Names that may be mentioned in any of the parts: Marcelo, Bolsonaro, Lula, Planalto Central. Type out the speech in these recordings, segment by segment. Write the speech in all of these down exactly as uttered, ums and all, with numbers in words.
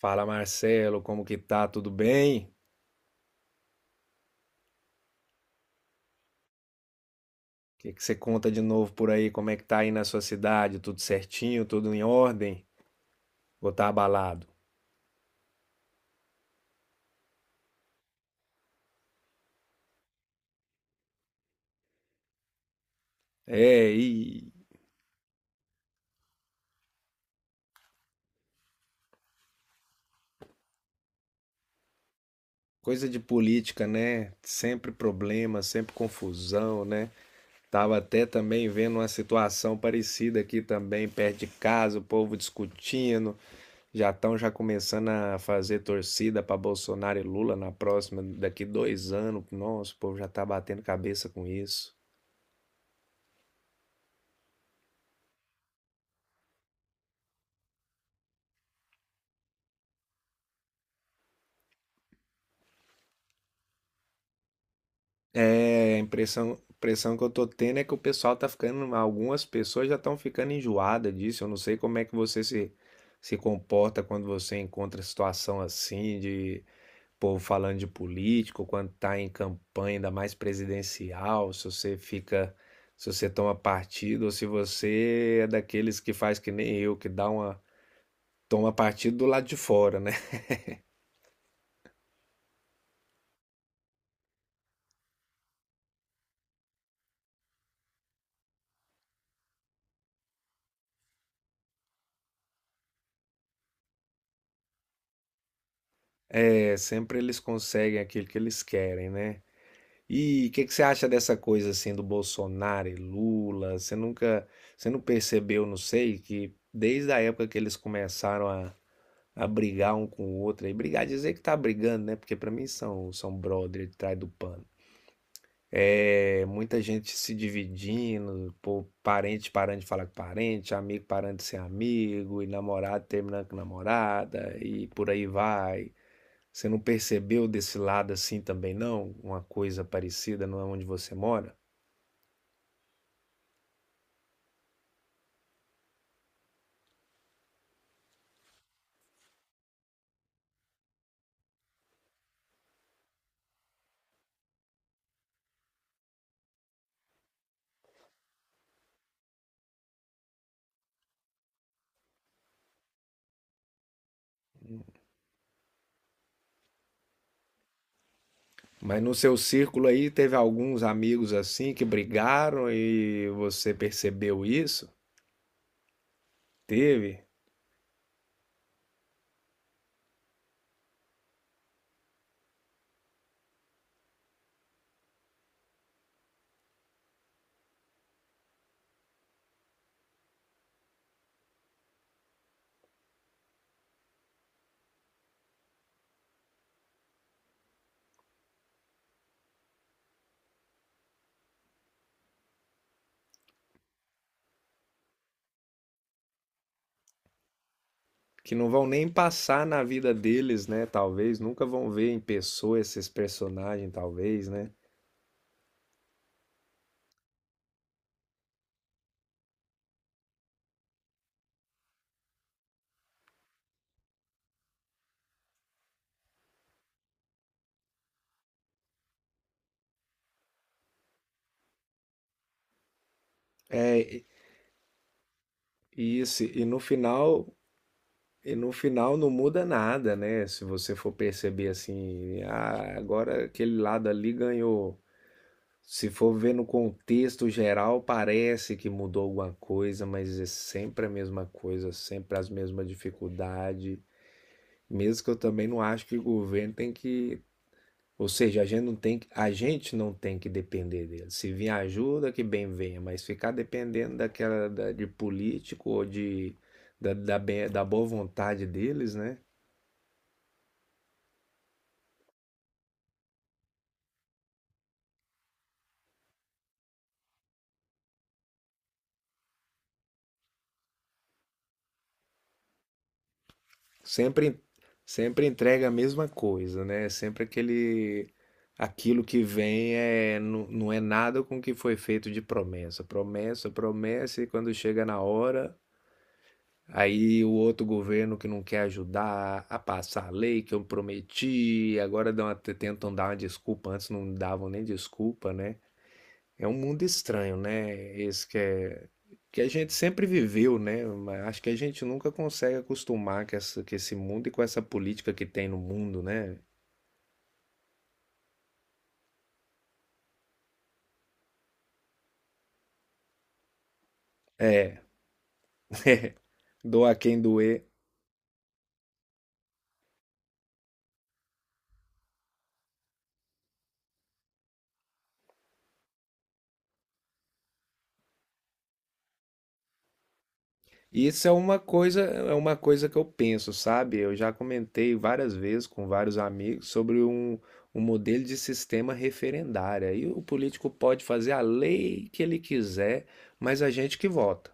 Fala Marcelo, como que tá? Tudo bem? O que que você conta de novo por aí? Como é que tá aí na sua cidade? Tudo certinho? Tudo em ordem? Ou tá abalado? É, e coisa de política, né? Sempre problema, sempre confusão, né? Tava até também vendo uma situação parecida aqui também, perto de casa, o povo discutindo, já estão já começando a fazer torcida para Bolsonaro e Lula na próxima, daqui dois anos. Nossa, o povo já tá batendo cabeça com isso. É, a impressão, impressão que eu tô tendo é que o pessoal tá ficando, algumas pessoas já estão ficando enjoadas disso. Eu não sei como é que você se, se comporta quando você encontra situação assim de povo falando de político, quando tá em campanha, ainda mais presidencial, se você fica, se você toma partido ou se você é daqueles que faz que nem eu, que dá uma, toma partido do lado de fora, né? É, sempre eles conseguem aquilo que eles querem, né? E o que que você acha dessa coisa assim do Bolsonaro e Lula? Você nunca, você não percebeu, não sei, que desde a época que eles começaram a, a brigar um com o outro, e brigar, dizer que tá brigando, né? Porque pra mim são, são brother de trás do pano. É, muita gente se dividindo, pô, parente parando de falar com parente, amigo parando de ser amigo, e namorado terminando com namorada, e por aí vai. Você não percebeu desse lado assim também, não? Uma coisa parecida, não é onde você mora? Mas no seu círculo aí teve alguns amigos assim que brigaram e você percebeu isso? Teve? Que não vão nem passar na vida deles, né? Talvez, nunca vão ver em pessoa esses personagens, talvez, né? É, e- isso, e no final, e no final não muda nada, né? Se você for perceber assim, ah, agora aquele lado ali ganhou. Se for ver no contexto geral, parece que mudou alguma coisa, mas é sempre a mesma coisa, sempre as mesmas dificuldades. Mesmo que eu também não acho que o governo tem que, ou seja, a gente não tem que, a gente não tem que depender dele. Se vir ajuda, que bem venha, mas ficar dependendo daquela da- de político ou de da, da, da boa vontade deles, né? Sempre, sempre entrega a mesma coisa, né? Sempre aquele, aquilo que vem é, não, não é nada com o que foi feito de promessa. Promessa, promessa, e quando chega na hora, aí o outro governo que não quer ajudar a passar a lei que eu prometi, agora dão, até tentam dar uma desculpa, antes não davam nem desculpa, né? É um mundo estranho, né? Esse que é que a gente sempre viveu, né? Mas acho que a gente nunca consegue acostumar com essa, com esse mundo e com essa política que tem no mundo, né? É, doa quem doer. E Isso é uma coisa, é uma coisa que eu penso, sabe? Eu já comentei várias vezes com vários amigos sobre um, um modelo de sistema referendário. Aí o político pode fazer a lei que ele quiser, mas a gente que vota.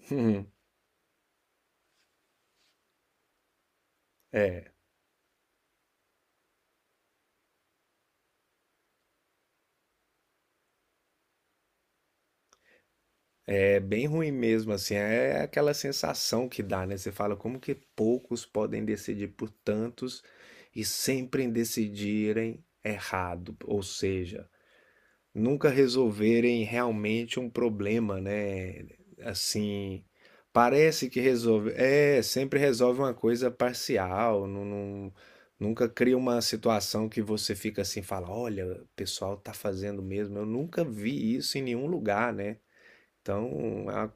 É. É bem ruim mesmo, assim, é aquela sensação que dá, né? Você fala como que poucos podem decidir por tantos e sempre decidirem errado, ou seja, nunca resolverem realmente um problema, né? Assim, parece que resolve, é, sempre resolve uma coisa parcial, não, não- nunca cria uma situação que você fica assim, fala, olha, o pessoal tá fazendo mesmo. Eu nunca vi isso em nenhum lugar, né? Então, é uma.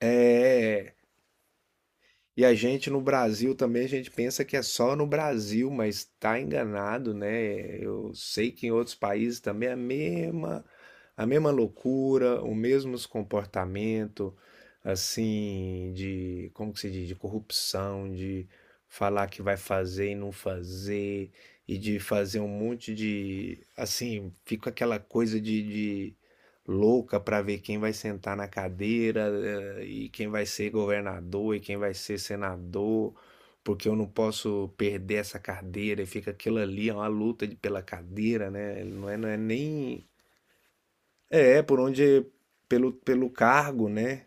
É, e a gente no Brasil também, a gente pensa que é só no Brasil, mas tá enganado, né? Eu sei que em outros países também é a mesma, a mesma loucura, o mesmo comportamento, assim, de, como que se diz, de corrupção, de falar que vai fazer e não fazer, e de fazer um monte de, assim, fica aquela coisa de de- louca para ver quem vai sentar na cadeira eh, e quem vai ser governador e quem vai ser senador, porque eu não posso perder essa cadeira e fica aquilo ali, é uma luta de- pela cadeira, né? Não é, não é nem. É, é por onde. Pelo, pelo cargo, né?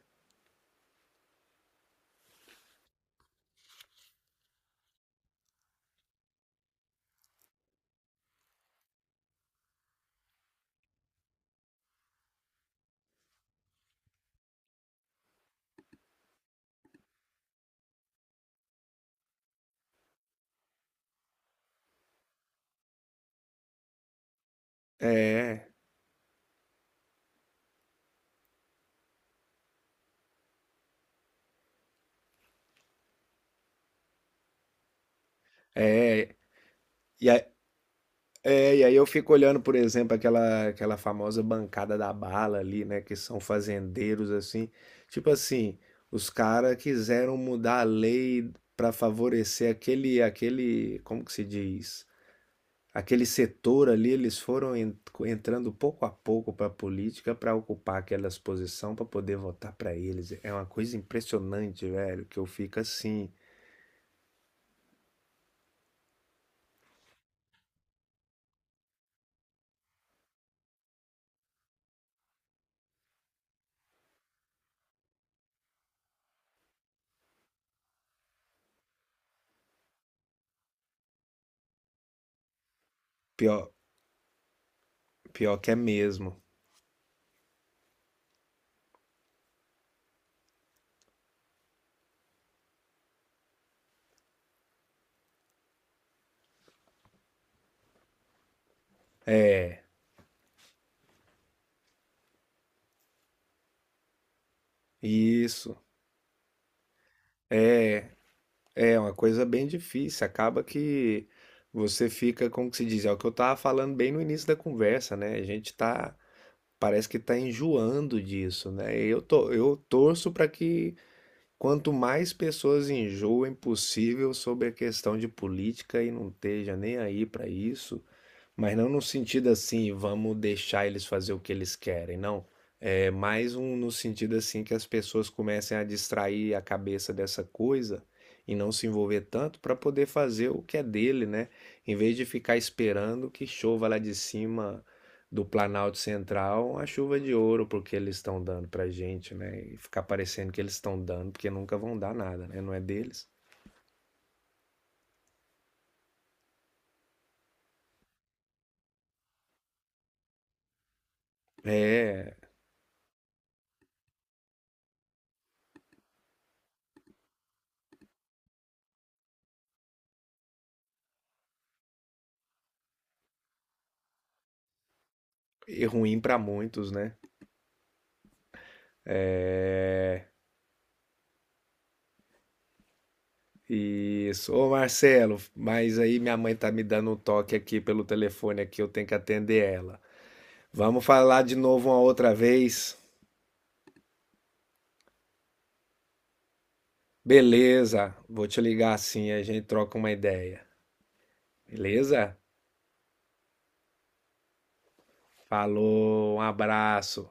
É, é. E, a- É, e aí eu fico olhando, por exemplo, aquela, aquela famosa bancada da bala ali, né? Que são fazendeiros, assim. Tipo assim, os caras quiseram mudar a lei para favorecer aquele, aquele, como que se diz? Aquele setor ali, eles foram en- entrando pouco a pouco para a política para ocupar aquelas posições para poder votar para eles. É uma coisa impressionante, velho, que eu fico assim, pior, pior que é mesmo. É, isso. É uma coisa bem difícil. Acaba que você fica, como que se diz, é o que eu estava falando bem no início da conversa, né? A gente tá, parece que tá enjoando disso, né? Eu tô, eu torço para que quanto mais pessoas enjoem possível sobre a questão de política e não esteja nem aí para isso, mas não no sentido assim, vamos deixar eles fazer o que eles querem, não. É mais um no sentido assim que as pessoas comecem a distrair a cabeça dessa coisa e não se envolver tanto para poder fazer o que é dele, né? Em vez de ficar esperando que chova lá de cima do Planalto Central a chuva de ouro porque eles estão dando pra gente, né? E ficar parecendo que eles estão dando porque nunca vão dar nada, né? Não é deles. É, e ruim para muitos, né? É, isso. Ô Marcelo, mas aí minha mãe tá me dando um toque aqui pelo telefone aqui, eu tenho que atender ela. Vamos falar de novo uma outra vez? Beleza, vou te ligar assim, a gente troca uma ideia. Beleza? Falou, um abraço.